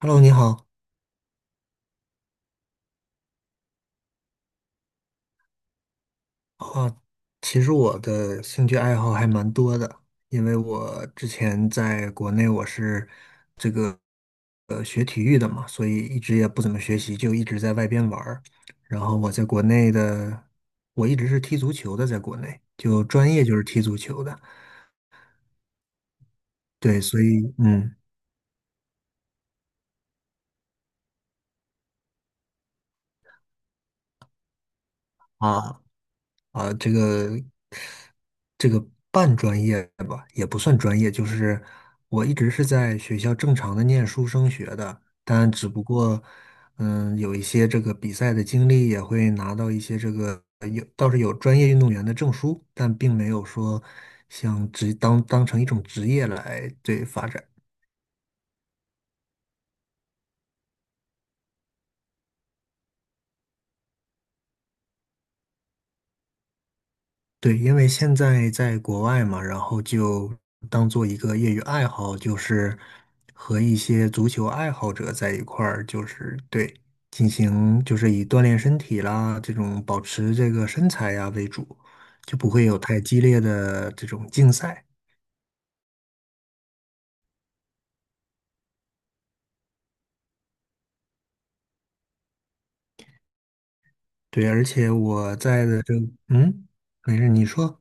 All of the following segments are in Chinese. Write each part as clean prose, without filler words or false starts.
Hello，你好。啊，其实我的兴趣爱好还蛮多的，因为我之前在国内我是这个学体育的嘛，所以一直也不怎么学习，就一直在外边玩儿。然后我在国内的，我一直是踢足球的，在国内就专业就是踢足球的。对，所以嗯。啊。啊，这个这个半专业吧，也不算专业，就是我一直是在学校正常的念书升学的，但只不过，嗯，有一些这个比赛的经历，也会拿到一些这个有倒是有专业运动员的证书，但并没有说像职当当成一种职业来对发展。对，因为现在在国外嘛，然后就当做一个业余爱好，就是和一些足球爱好者在一块儿，就是对，进行就是以锻炼身体啦，这种保持这个身材呀为主，就不会有太激烈的这种竞赛。对，而且我在的这，嗯，没事，你说。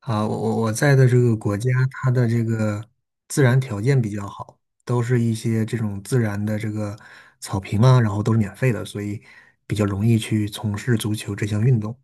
我在的这个国家，它的这个自然条件比较好，都是一些这种自然的这个草坪啊，然后都是免费的，所以比较容易去从事足球这项运动。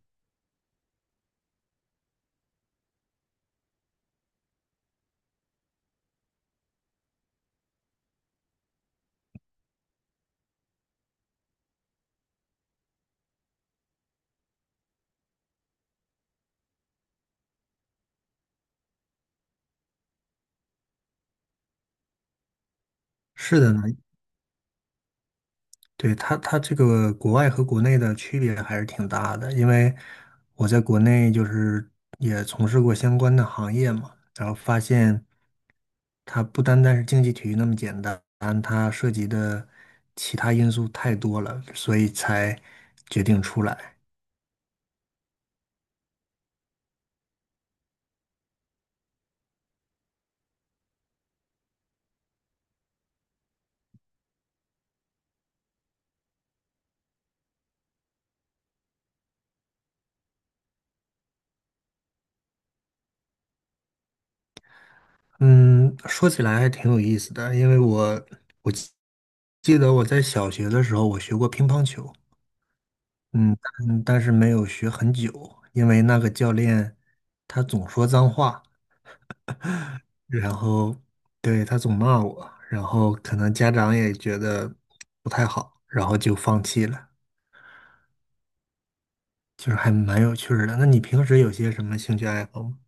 是的呢，对，它这个国外和国内的区别还是挺大的，因为我在国内就是也从事过相关的行业嘛，然后发现。它不单单是竞技体育那么简单，它涉及的其他因素太多了，所以才决定出来。嗯，说起来还挺有意思的，因为我记得我在小学的时候我学过乒乓球，嗯，但是没有学很久，因为那个教练他总说脏话，然后对他总骂我，然后可能家长也觉得不太好，然后就放弃了。就是还蛮有趣儿的。那你平时有些什么兴趣爱好吗？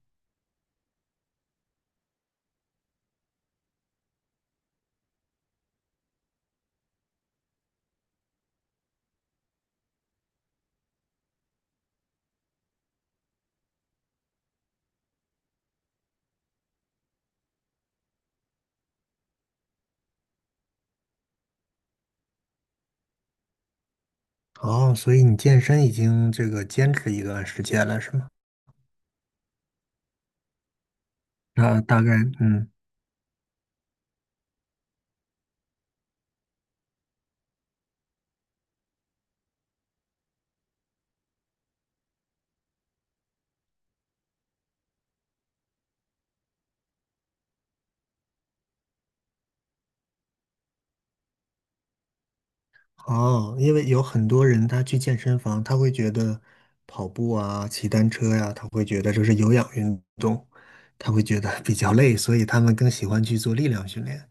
哦，所以你健身已经这个坚持一段时间了，是吗？那大概，嗯，哦，因为有很多人他去健身房，他会觉得跑步啊、骑单车呀、他会觉得这是有氧运动，他会觉得比较累，所以他们更喜欢去做力量训练。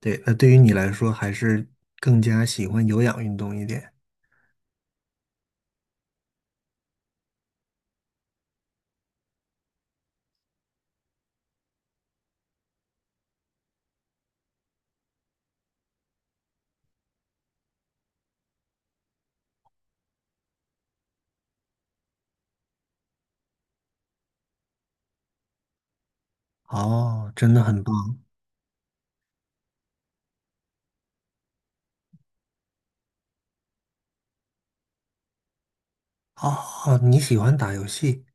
对，那对于你来说，还是更加喜欢有氧运动一点。哦，真的很棒。哦，你喜欢打游戏。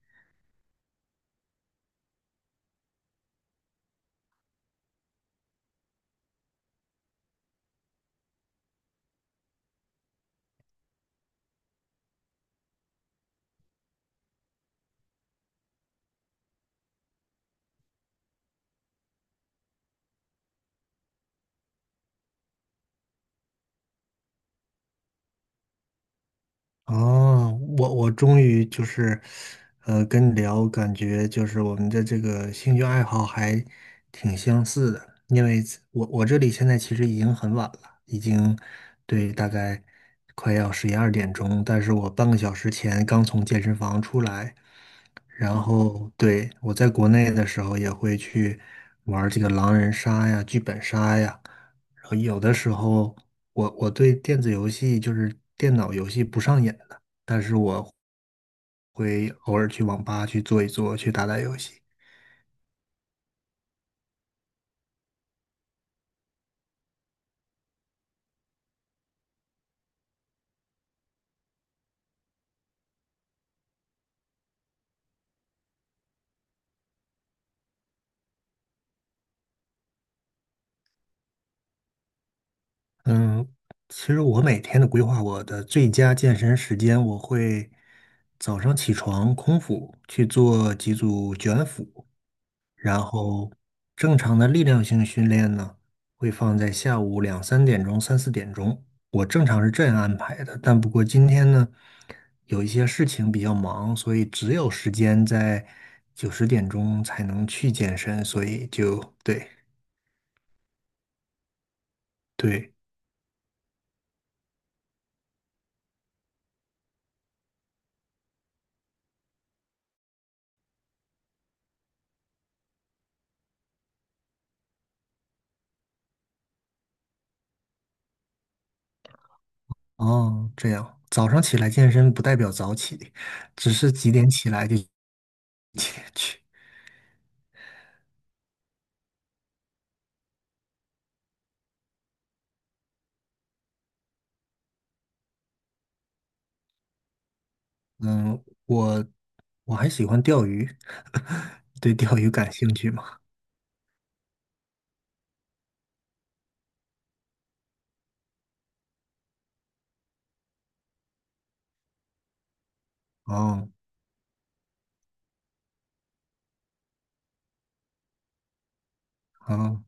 哦，我终于就是，跟你聊，感觉就是我们的这个兴趣爱好还挺相似的，因为我这里现在其实已经很晚了，已经对大概快要11、12点钟，但是我半个小时前刚从健身房出来，然后对，我在国内的时候也会去玩儿这个狼人杀呀、剧本杀呀，然后有的时候我对电子游戏就是电脑游戏不上瘾的，但是我会偶尔去网吧去坐一坐，去打打游戏。嗯，其实我每天的规划，我的最佳健身时间，我会早上起床空腹去做几组卷腹，然后正常的力量性训练呢，会放在下午2、3点钟、3、4点钟。我正常是这样安排的，但不过今天呢，有一些事情比较忙，所以只有时间在9、10点钟才能去健身，所以就对。哦，这样早上起来健身不代表早起，只是几点起来就几点去。嗯，我我还喜欢钓鱼，对钓鱼感兴趣吗？哦，好，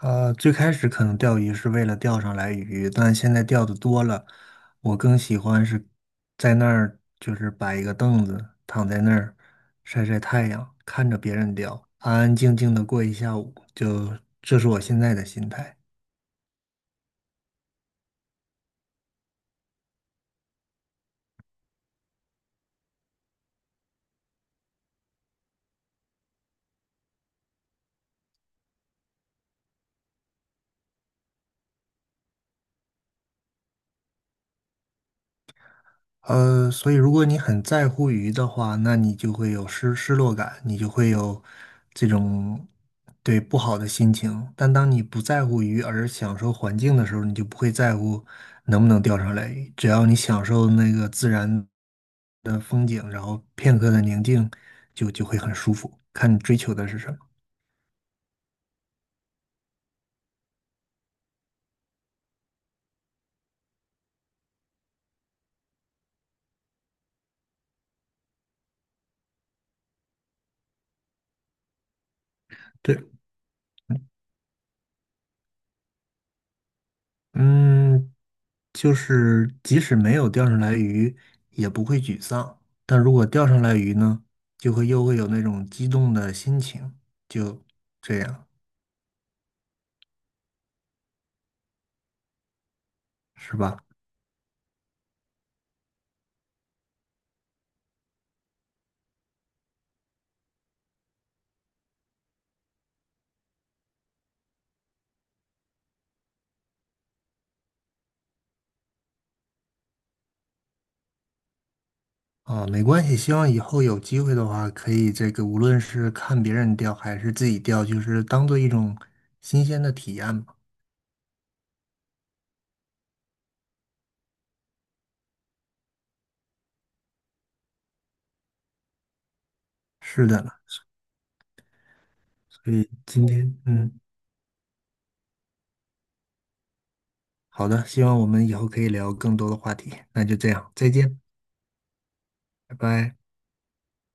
最开始可能钓鱼是为了钓上来鱼，但现在钓的多了，我更喜欢是在那儿，就是摆一个凳子，躺在那儿晒晒太阳，看着别人钓，安安静静的过一下午，就这是我现在的心态。所以如果你很在乎鱼的话，那你就会有失落感，你就会有这种对不好的心情。但当你不在乎鱼而享受环境的时候，你就不会在乎能不能钓上来鱼。只要你享受那个自然的风景，然后片刻的宁静，就会很舒服。看你追求的是什么。对，嗯，就是即使没有钓上来鱼，也不会沮丧。但如果钓上来鱼呢，就会又会有那种激动的心情，就这样，是吧？没关系，希望以后有机会的话，可以这个无论是看别人钓还是自己钓，就是当做一种新鲜的体验吧。是的呢，所以今天，嗯，好的，希望我们以后可以聊更多的话题。那就这样，再见，拜拜。